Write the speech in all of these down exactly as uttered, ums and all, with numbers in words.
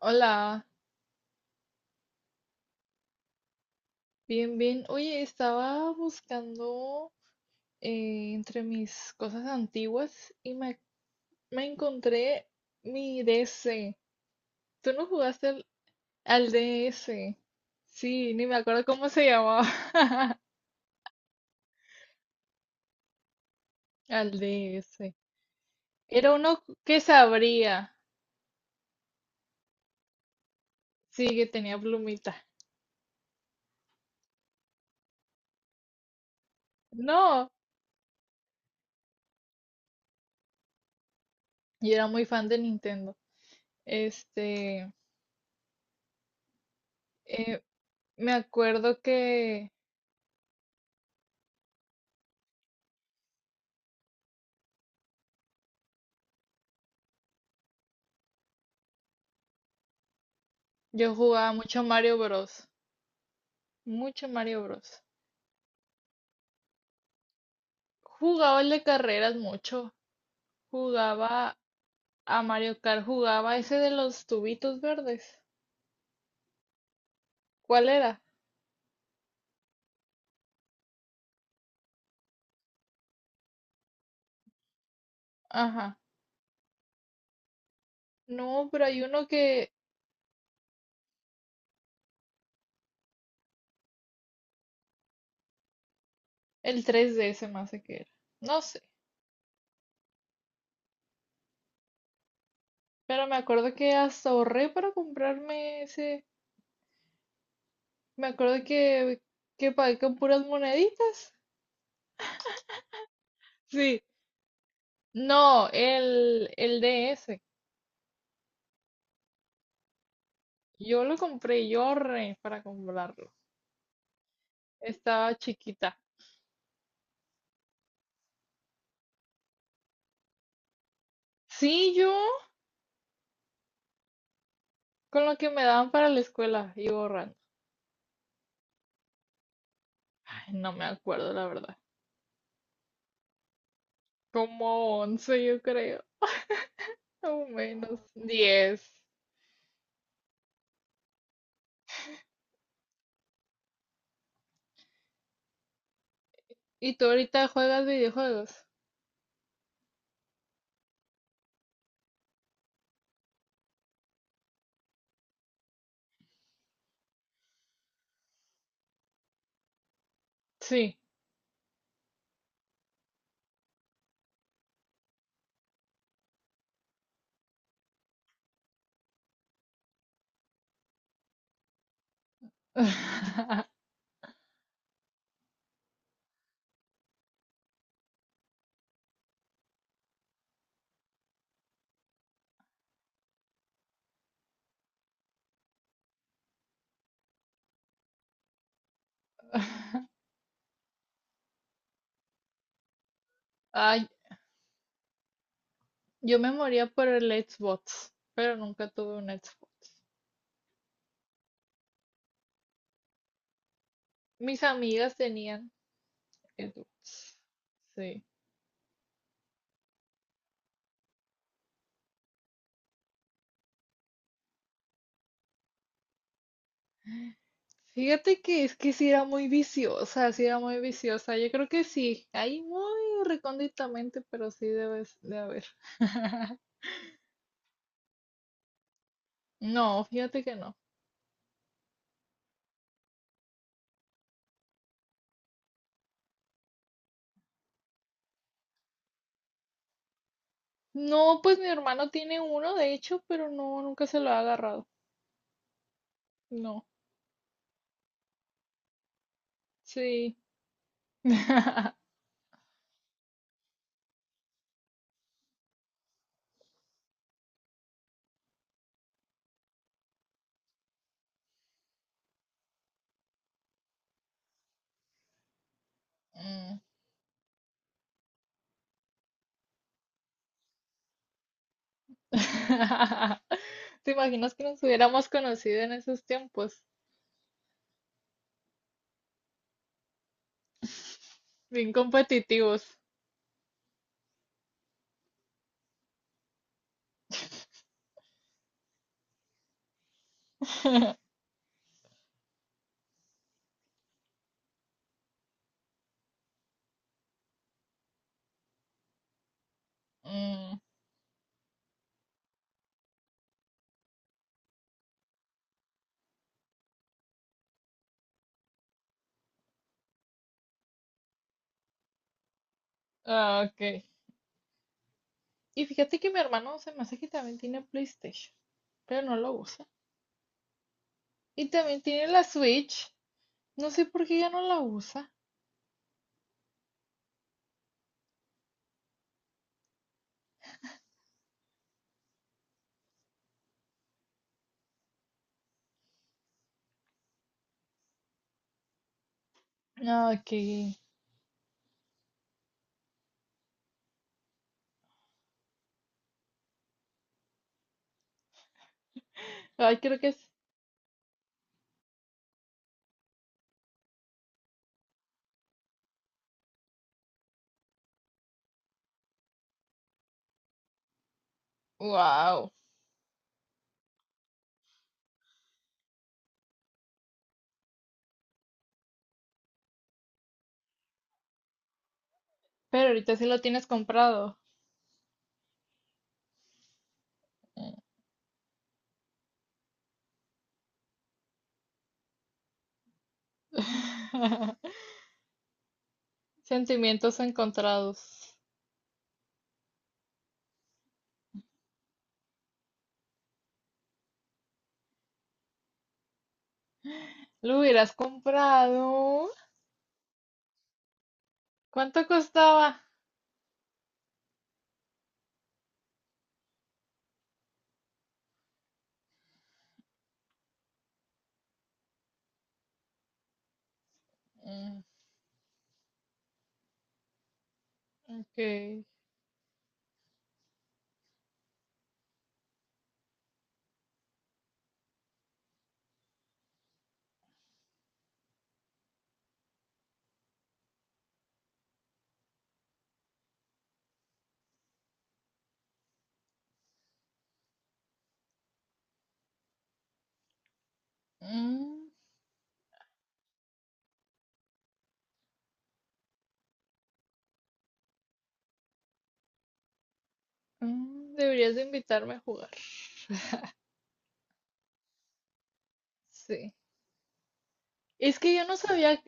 Hola, bien, bien. Oye, estaba buscando eh, entre mis cosas antiguas y me, me encontré mi D S. ¿Tú no jugaste al, al D S? Sí, ni me acuerdo cómo se llamaba. Al D S. Era uno que se abría. Sí, que tenía plumita. No, yo era muy fan de Nintendo. Este, eh, me acuerdo que yo jugaba mucho Mario Bros. Mucho Mario Bros. Jugaba el de carreras mucho. Jugaba a Mario Kart, jugaba ese de los tubitos verdes. ¿Cuál era? Ajá. No, pero hay uno que el tres D se me hace que era. No sé, pero me acuerdo que hasta ahorré para comprarme ese. Me acuerdo que, que pagué con puras moneditas. Sí. No, el, el D S. Yo lo compré, yo ahorré para comprarlo. Estaba chiquita. Sí, yo. Con lo que me daban para la escuela y borran. Ay, no me acuerdo, la verdad. Como once yo creo. O menos. Diez. ¿Y tú ahorita juegas videojuegos? Sí. Ay, yo me moría por el Xbox, pero nunca tuve un Xbox. Mis amigas tenían Xbox. Sí. Fíjate que es que sí era muy viciosa, sí era muy viciosa. Yo creo que sí. Ahí muy recónditamente, pero sí debes de haber. No, fíjate que no. No, pues mi hermano tiene uno, de hecho, pero no, nunca se lo ha agarrado. No, sí. Mm. ¿Te imaginas que nos hubiéramos conocido en esos tiempos? Bien competitivos. Mm, ah, ok. Y fíjate que mi hermano se me hace que también tiene PlayStation, pero no lo usa. Y también tiene la Switch. No sé por qué ya no la usa. Ah, ok. Ay, creo que es. Wow. Pero ahorita sí lo tienes comprado. Sentimientos encontrados. ¿Lo hubieras comprado? ¿Cuánto costaba? Mm, ok. Mm, mm, deberías de invitarme a jugar. Sí. Es que yo no sabía,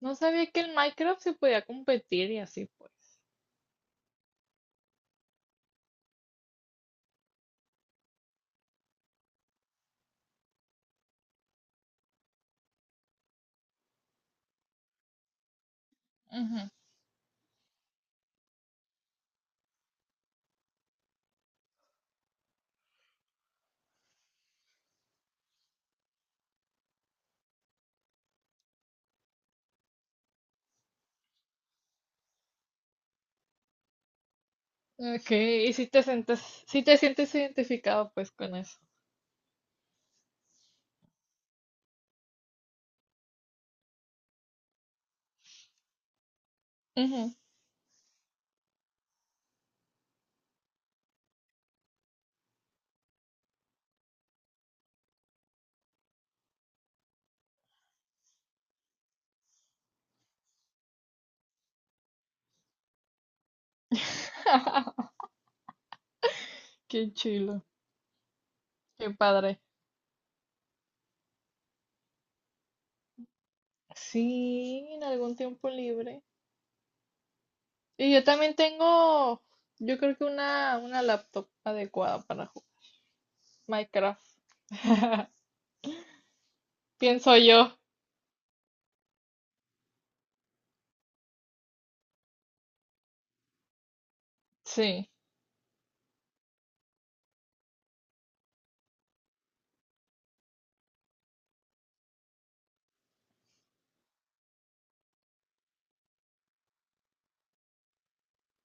no sabía que el Minecraft se podía competir y así pues. Ujú. Ok, y si te sientes, si te sientes identificado pues con eso. Ujú. Qué chilo, qué padre. Sí, en algún tiempo libre. Y yo también tengo, yo creo que una, una laptop adecuada para ju- Minecraft. Pienso yo. Sí.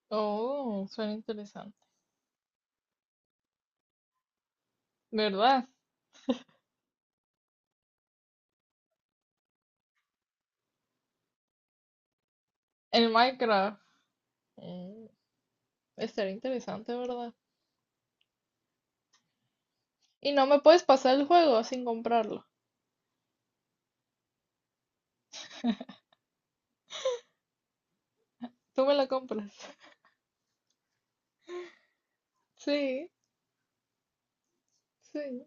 Oh, suena interesante. ¿Verdad? El Minecraft. Mm, estaría interesante, ¿verdad? Y no me puedes pasar el juego sin comprarlo. Tú me lo compras. Sí, sí.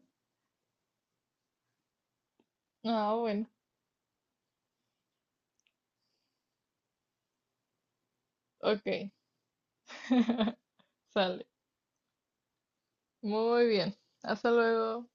Ah, bueno. Ok. Sale. Muy bien. Hasta luego.